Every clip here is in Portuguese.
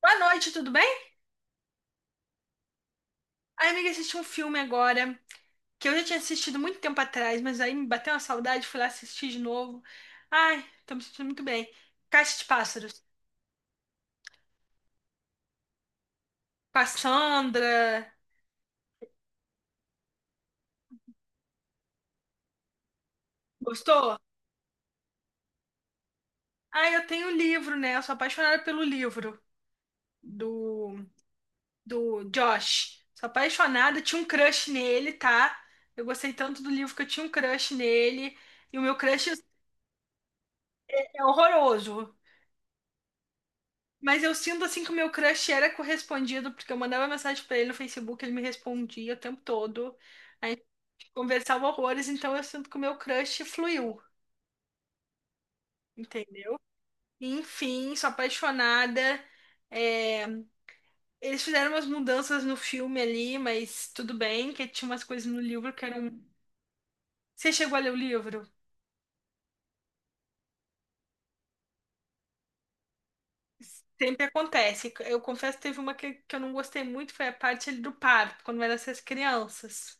Boa noite, tudo bem? A amiga assistiu um filme agora que eu já tinha assistido muito tempo atrás, mas aí me bateu uma saudade, fui lá assistir de novo. Ai, tô me sentindo muito bem. Caixa de Pássaros, com a Sandra. Gostou? Ai, eu tenho o livro, né? Eu sou apaixonada pelo livro do, do Josh. Sou apaixonada, tinha um crush nele, tá? Eu gostei tanto do livro que eu tinha um crush nele. E o meu crush é horroroso. Mas eu sinto assim que o meu crush era correspondido, porque eu mandava mensagem pra ele no Facebook, ele me respondia o tempo todo. A gente conversava horrores, então eu sinto que o meu crush fluiu, entende? Enfim, sou apaixonada. É, eles fizeram umas mudanças no filme ali, mas tudo bem, que tinha umas coisas no livro que eram. Você chegou a ler o livro? Sempre acontece. Eu confesso que teve uma que eu não gostei muito, foi a parte ali do parto, quando vai nascer as crianças.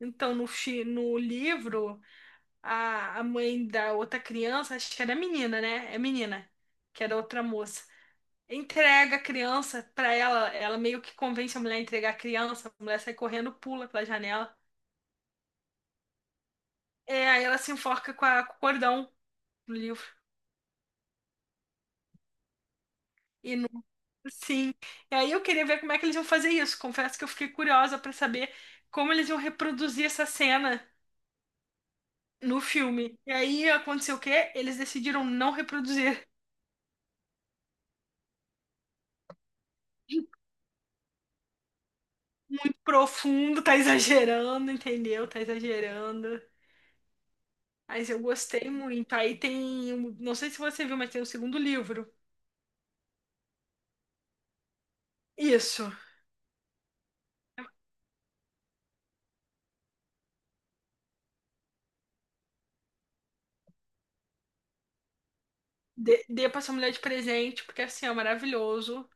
Então, no livro. A mãe da outra criança, acho que era menina, né? É menina, que era outra moça. Entrega a criança pra ela, ela meio que convence a mulher a entregar a criança, a mulher sai correndo, pula pela janela. É, aí ela se enforca com, com o cordão do livro. E não, sim. E aí eu queria ver como é que eles iam fazer isso. Confesso que eu fiquei curiosa pra saber como eles iam reproduzir essa cena no filme. E aí aconteceu o quê? Eles decidiram não reproduzir. Profundo, tá exagerando, entendeu? Tá exagerando. Mas eu gostei muito. Aí tem, não sei se você viu, mas tem o segundo livro. Isso. Dê pra sua mulher de presente, porque assim, é maravilhoso.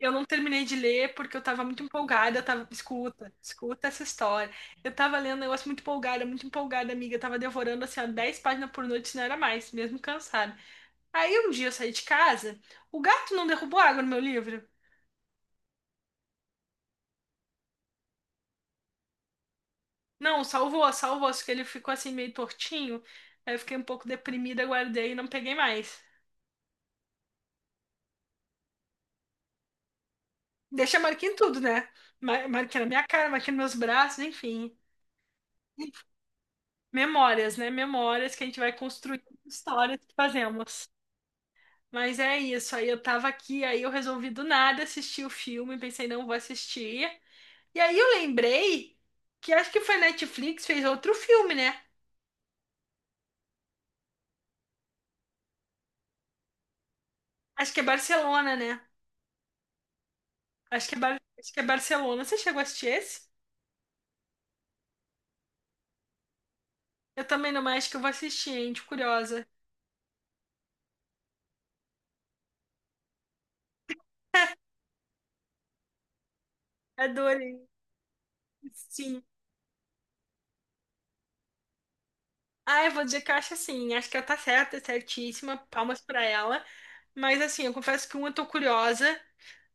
Eu não terminei de ler porque eu tava muito empolgada. Eu tava, escuta, escuta essa história. Eu tava lendo um negócio muito empolgada, amiga. Eu tava devorando assim, ó, 10 páginas por noite, se não era mais, mesmo cansada. Aí um dia eu saí de casa, o gato não derrubou água no meu livro. Não, salvou, salvou, só que ele ficou assim meio tortinho. Aí eu fiquei um pouco deprimida, guardei e não peguei mais. Deixa a marquinha em tudo, né? Marquinha na minha cara, marquinha nos meus braços, enfim. Memórias, né? Memórias que a gente vai construir histórias que fazemos. Mas é isso, aí eu tava aqui, aí eu resolvi do nada assistir o filme, pensei, não vou assistir. E aí eu lembrei que acho que foi a Netflix fez outro filme, né? Acho que é Barcelona, né? Acho que é, acho que é Barcelona. Você chegou a assistir esse? Eu também não, mas acho que eu vou assistir, hein? De curiosa. Adorei. Sim. Ah, eu vou dizer que eu acho assim, acho que ela tá certa, certíssima, palmas pra ela. Mas assim, eu confesso que um, eu tô curiosa.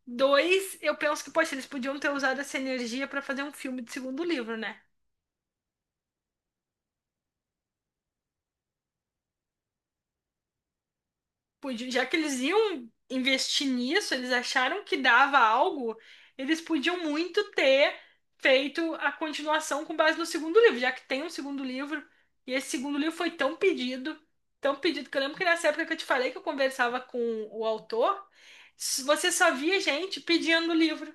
Dois, eu penso que, poxa, eles podiam ter usado essa energia pra fazer um filme de segundo livro, né? Já que eles iam investir nisso, eles acharam que dava algo, eles podiam muito ter feito a continuação com base no segundo livro, já que tem um segundo livro, e esse segundo livro foi tão pedido, que eu lembro que nessa época que eu te falei que eu conversava com o autor, você só via gente pedindo o livro,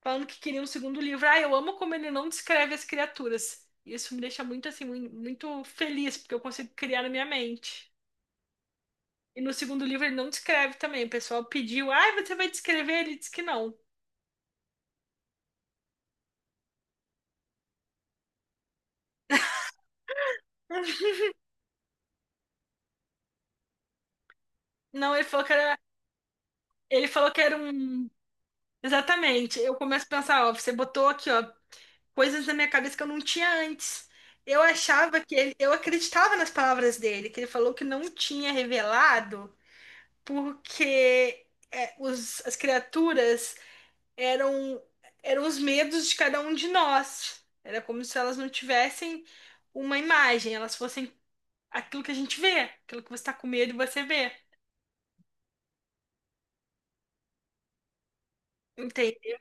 falando que queria um segundo livro. Ah, eu amo como ele não descreve as criaturas. Isso me deixa muito assim, muito feliz, porque eu consigo criar na minha mente. E no segundo livro ele não descreve também. O pessoal pediu, ai, você vai descrever? Ele disse que não. Não, ele falou que era. Ele falou que era um. Exatamente. Eu começo a pensar, ó, você botou aqui, ó, coisas na minha cabeça que eu não tinha antes. Eu achava que ele. Eu acreditava nas palavras dele, que ele falou que não tinha revelado, porque é, as criaturas eram, eram os medos de cada um de nós. Era como se elas não tivessem uma imagem, elas fossem aquilo que a gente vê, aquilo que você está com medo e você vê. Entende?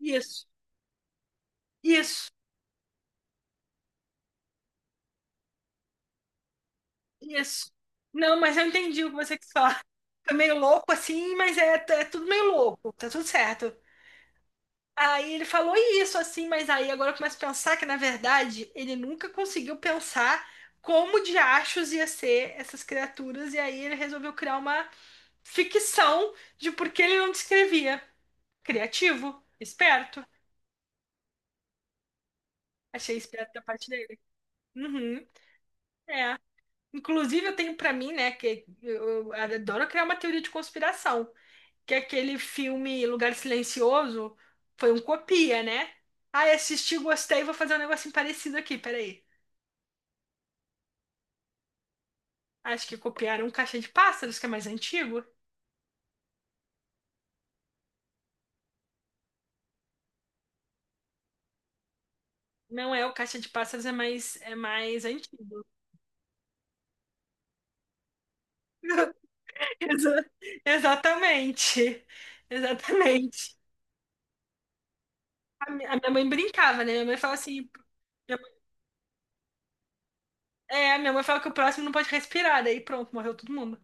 Isso, isso, isso. Não, mas eu entendi o que você quis falar. Tá meio louco assim, mas é, é tudo meio louco, tá tudo certo. Aí ele falou isso assim, mas aí agora eu começo a pensar que na verdade ele nunca conseguiu pensar como de achos ia ser essas criaturas, e aí ele resolveu criar uma ficção de por que ele não descrevia. Criativo, esperto. Achei esperto da parte dele. Uhum, é. Inclusive, eu tenho pra mim, né, que eu adoro criar uma teoria de conspiração, que aquele filme Lugar Silencioso foi um copia, né? Ah, assisti, gostei, vou fazer um negocinho parecido aqui, peraí. Acho que copiaram o Caixa de Pássaros, que é mais antigo. Não é, o Caixa de Pássaros é mais antigo. Exa- Exatamente. Exatamente. A minha mãe brincava, né? Minha mãe fala assim, minha mãe- é, minha mãe fala que o próximo não pode respirar, daí pronto, morreu todo mundo.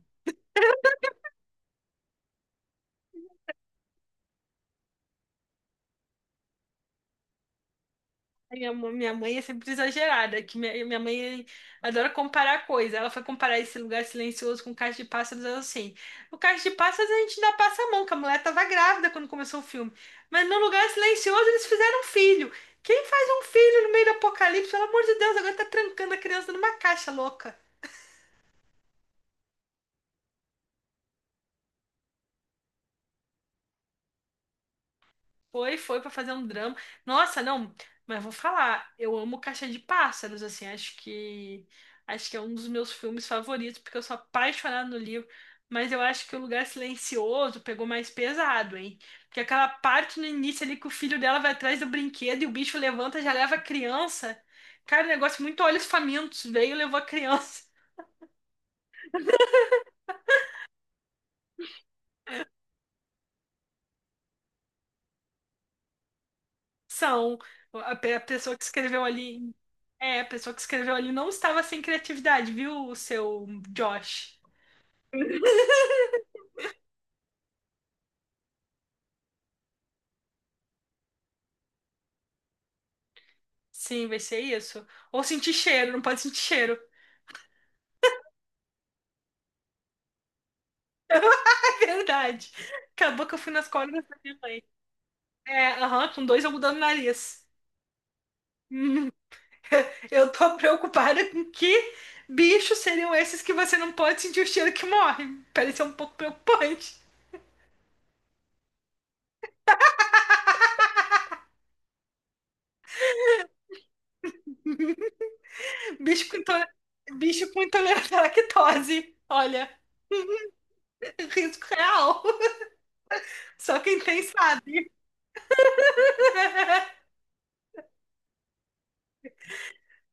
Minha mãe é sempre exagerada, que minha mãe adora comparar coisas. Ela foi comparar esse lugar silencioso com Caixa de Pássaros, ela assim. No Caixa de Pássaros a gente ainda passa a mão, que a mulher tava grávida quando começou o filme. Mas no lugar silencioso eles fizeram um filho. Quem faz um filho no meio do apocalipse? Pelo amor de Deus, agora tá trancando a criança numa caixa louca. Foi, foi pra fazer um drama. Nossa, não, mas vou falar, eu amo Caixa de Pássaros, assim, acho que é um dos meus filmes favoritos, porque eu sou apaixonada no livro, mas eu acho que o Lugar Silencioso pegou mais pesado, hein? Porque aquela parte no início ali que o filho dela vai atrás do brinquedo e o bicho levanta, já leva a criança. Cara, um negócio muito olhos famintos, veio e levou a criança. São a pessoa que escreveu ali, é, a pessoa que escreveu ali não estava sem criatividade, viu, o seu Josh? Sim, vai ser isso. Ou sentir cheiro, não pode sentir cheiro. É verdade. Acabou que eu fui nas cordas da minha mãe. É, aham, com dois eu mudando o nariz. Hum, eu tô preocupada com que bichos seriam esses que você não pode sentir o cheiro que morre. Parece um pouco preocupante. Bicho com, bicho com intolerância à lactose. Olha, risco real. Só quem tem sabe.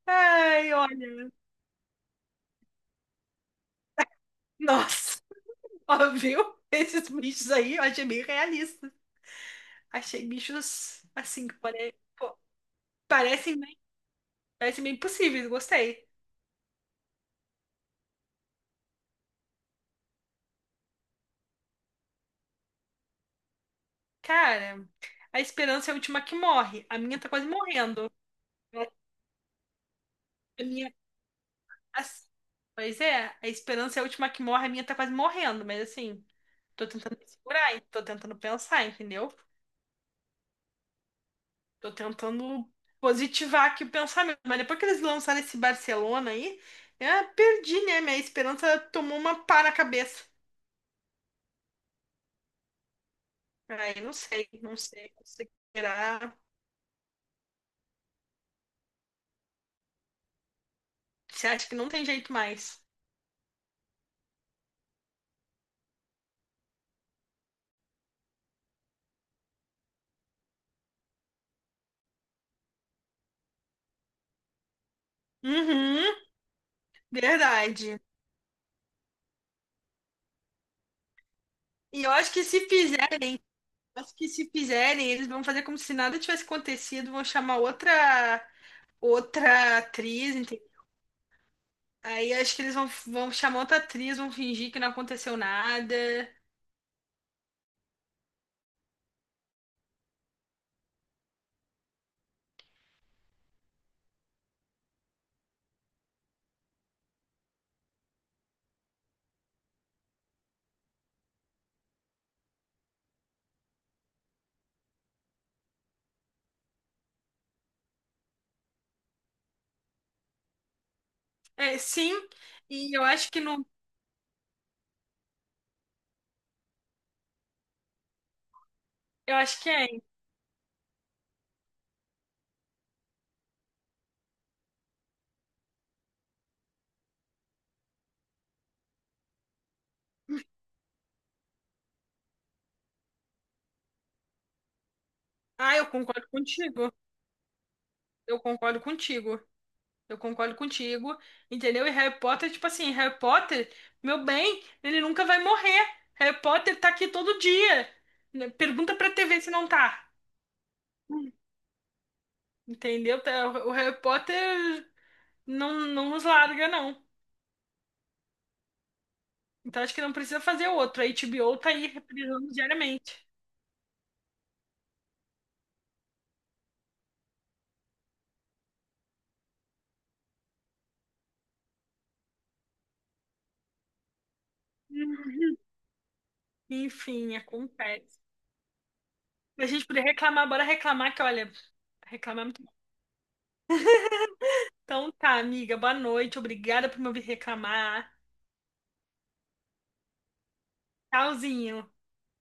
Ai, olha. Nossa. Ó, viu? Esses bichos aí eu achei bem realista. Achei bichos assim, que pare... pô, parecem bem... parecem bem possíveis, gostei. Cara, a esperança é a última que morre. A minha tá quase morrendo. A minha. Assim, pois é, a esperança é a última que morre, a minha tá quase morrendo, mas assim, tô tentando me segurar, hein? Tô tentando pensar, entendeu? Tô tentando positivar aqui o pensamento. Mas depois que eles lançaram esse Barcelona aí, eu perdi, né? Minha esperança tomou uma pá na cabeça. Aí não sei, não sei considerar. Você acha que não tem jeito mais? Uhum, verdade. E eu acho que se fizerem, eu acho que se fizerem, eles vão fazer como se nada tivesse acontecido, vão chamar outra atriz, entende? Aí acho que eles vão, vão chamar outra atriz, vão fingir que não aconteceu nada. É, sim, e eu acho que não, eu acho que é. Ah, eu concordo contigo. Eu concordo contigo. Eu concordo contigo, entendeu? E Harry Potter, tipo assim, Harry Potter, meu bem, ele nunca vai morrer. Harry Potter tá aqui todo dia. Né? Pergunta pra TV se não tá. Entendeu? O Harry Potter não, não nos larga, não. Então acho que não precisa fazer outro. A HBO tá aí reprisando diariamente. Hum. Enfim, acontece. Pra gente poder reclamar, bora reclamar, que olha, reclamar é muito bom. Então tá, amiga, boa noite. Obrigada por me ouvir reclamar. Tchauzinho.